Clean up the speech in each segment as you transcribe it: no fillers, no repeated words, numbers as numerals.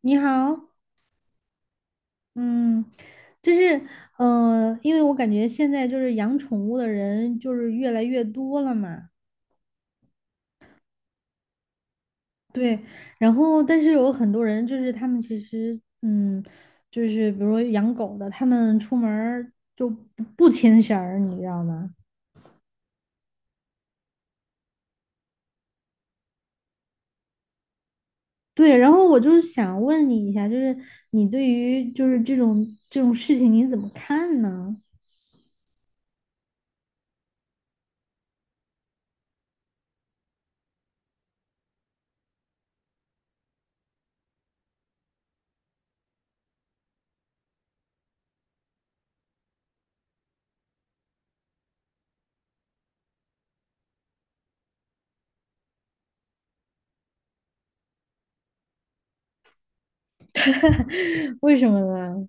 你好，嗯，就是因为我感觉现在就是养宠物的人就是越来越多了嘛。对，然后但是有很多人就是他们其实嗯，就是比如说养狗的，他们出门儿就不牵绳儿，你知道吗？对，然后我就是想问你一下，就是你对于就是这种事情你怎么看呢？为什么呢？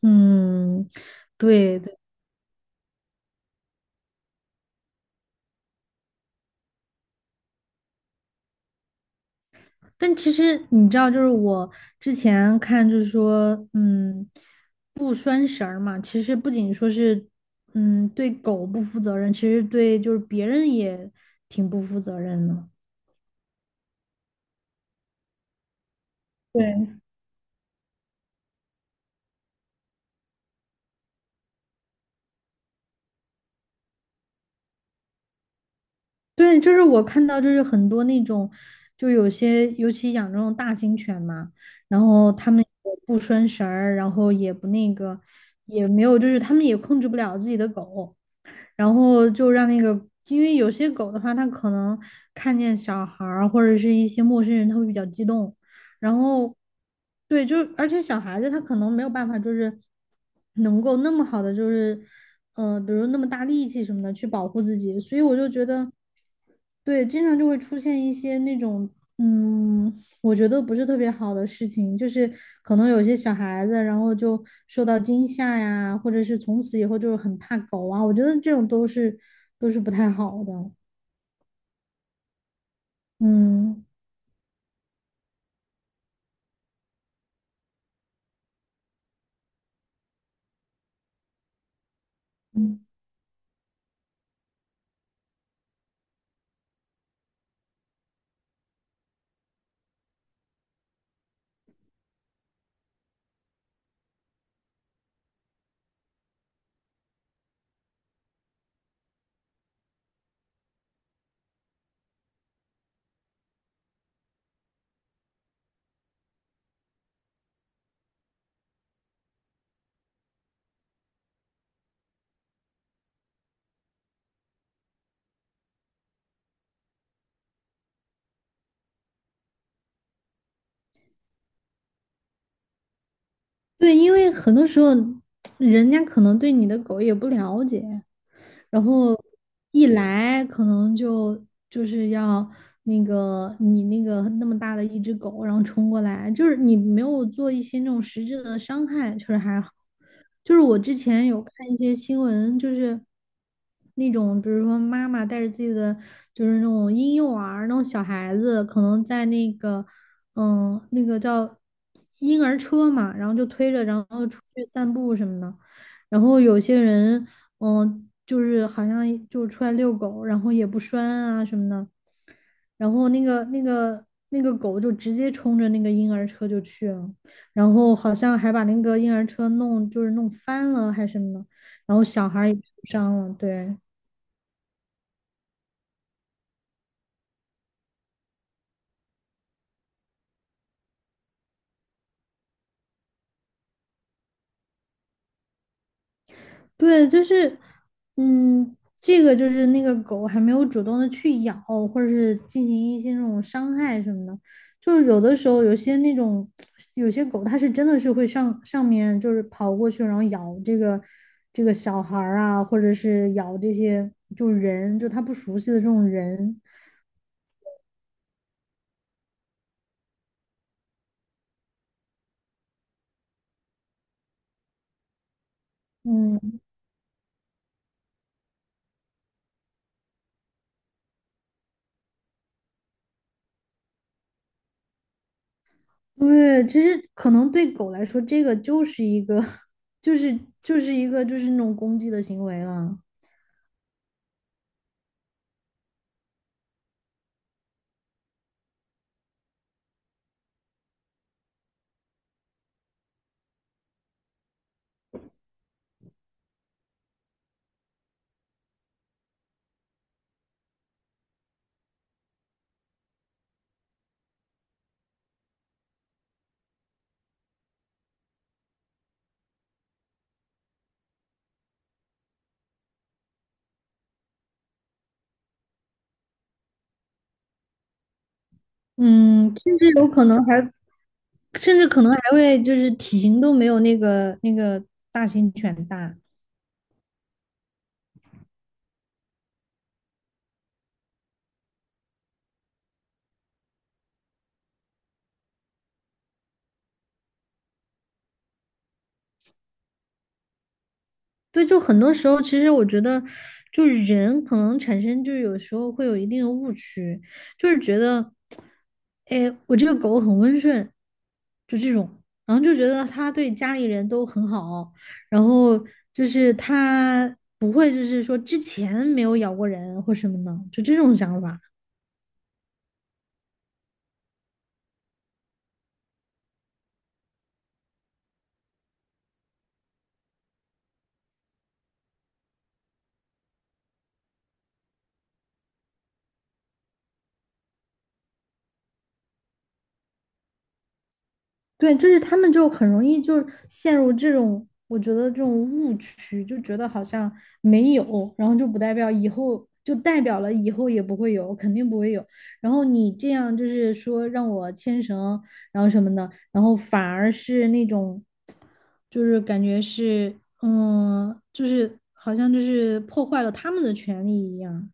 嗯，对对。但其实你知道，就是我之前看，就是说，嗯，不拴绳儿嘛，其实不仅说是，嗯，对狗不负责任，其实对就是别人也挺不负责任的。对对，就是我看到就是很多那种，就有些尤其养这种大型犬嘛，然后他们也不拴绳儿，然后也不那个，也没有，就是他们也控制不了自己的狗。然后就让那个，因为有些狗的话，它可能看见小孩儿或者是一些陌生人，它会比较激动。然后，对，就而且小孩子他可能没有办法，就是能够那么好的，就是比如那么大力气什么的去保护自己，所以我就觉得，对，经常就会出现一些那种，嗯，我觉得不是特别好的事情，就是可能有些小孩子，然后就受到惊吓呀，或者是从此以后就是很怕狗啊，我觉得这种都是不太好的。嗯，嗯。对，因为很多时候人家可能对你的狗也不了解，然后一来可能就是要那个你那个那么大的一只狗，然后冲过来，就是你没有做一些那种实质的伤害，确实还好。就是我之前有看一些新闻，就是那种比如说妈妈带着自己的就是那种婴幼儿那种小孩子，可能在那个。嗯，那个叫婴儿车嘛，然后就推着，然后出去散步什么的。然后有些人，嗯，就是好像就出来遛狗，然后也不拴啊什么的。然后那个狗就直接冲着那个婴儿车就去了，然后好像还把那个婴儿车弄就是弄翻了还是什么的，然后小孩儿也受伤了，对。对，就是，嗯，这个就是那个狗还没有主动的去咬，或者是进行一些那种伤害什么的。就是有的时候，有些那种有些狗，它是真的是会上面就是跑过去，然后咬这个小孩儿啊，或者是咬这些就是人，就它不熟悉的这种人。嗯，对，其实可能对狗来说，这个就是一个，就是就是一个就是那种攻击的行为了。嗯，甚至有可能还甚至可能还会就是体型都没有那个大型犬大。对，就很多时候，其实我觉得，就是人可能产生，就有时候会有一定的误区，就是觉得，哎，我这个狗很温顺，就这种，然后就觉得它对家里人都很好，然后就是它不会就是说之前没有咬过人或什么的，就这种想法。对，就是他们就很容易就陷入这种，我觉得这种误区，就觉得好像没有，然后就不代表以后，就代表了以后也不会有，肯定不会有。然后你这样就是说让我牵绳，然后什么的，然后反而是那种，就是感觉是，嗯，就是好像就是破坏了他们的权利一样。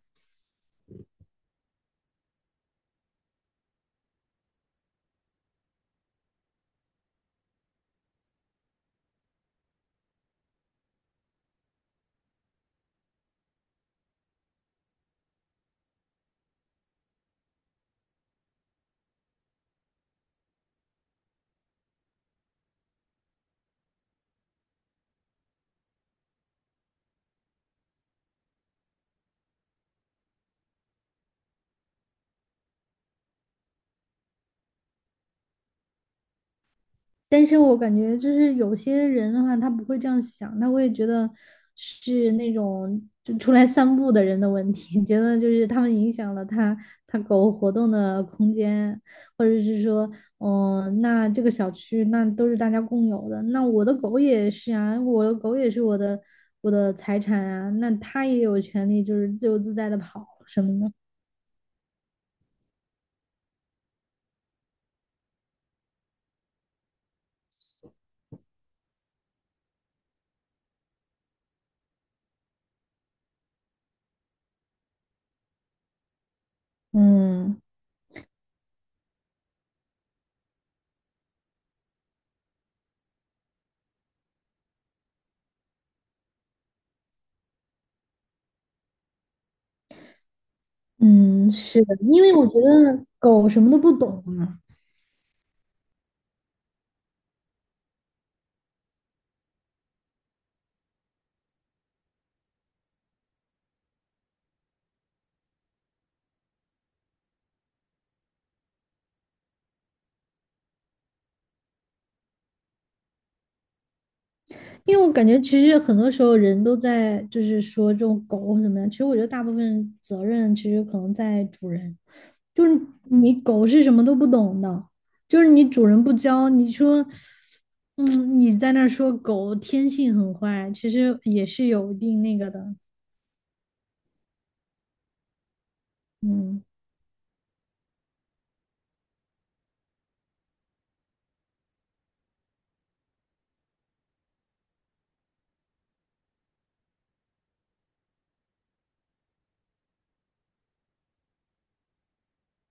但是我感觉就是有些人的话，他不会这样想，他会觉得是那种就出来散步的人的问题，觉得就是他们影响了他狗活动的空间，或者是说，嗯、那这个小区那都是大家共有的，那我的狗也是啊，我的狗也是我的财产啊，那它也有权利就是自由自在的跑什么的。嗯嗯，是的，因为我觉得狗什么都不懂啊。因为我感觉其实很多时候人都在就是说这种狗或怎么样，其实我觉得大部分责任其实可能在主人，就是你狗是什么都不懂的，就是你主人不教，你说，嗯，你在那儿说狗天性很坏，其实也是有一定那个的，嗯，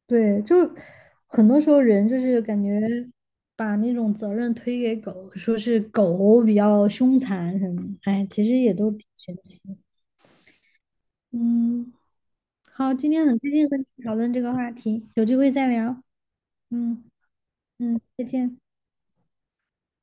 对，就很多时候人就是感觉把那种责任推给狗，说是狗比较凶残什么的，哎，其实也都挺神奇，嗯。好，今天很开心和你讨论这个话题，有机会再聊。嗯嗯，再见。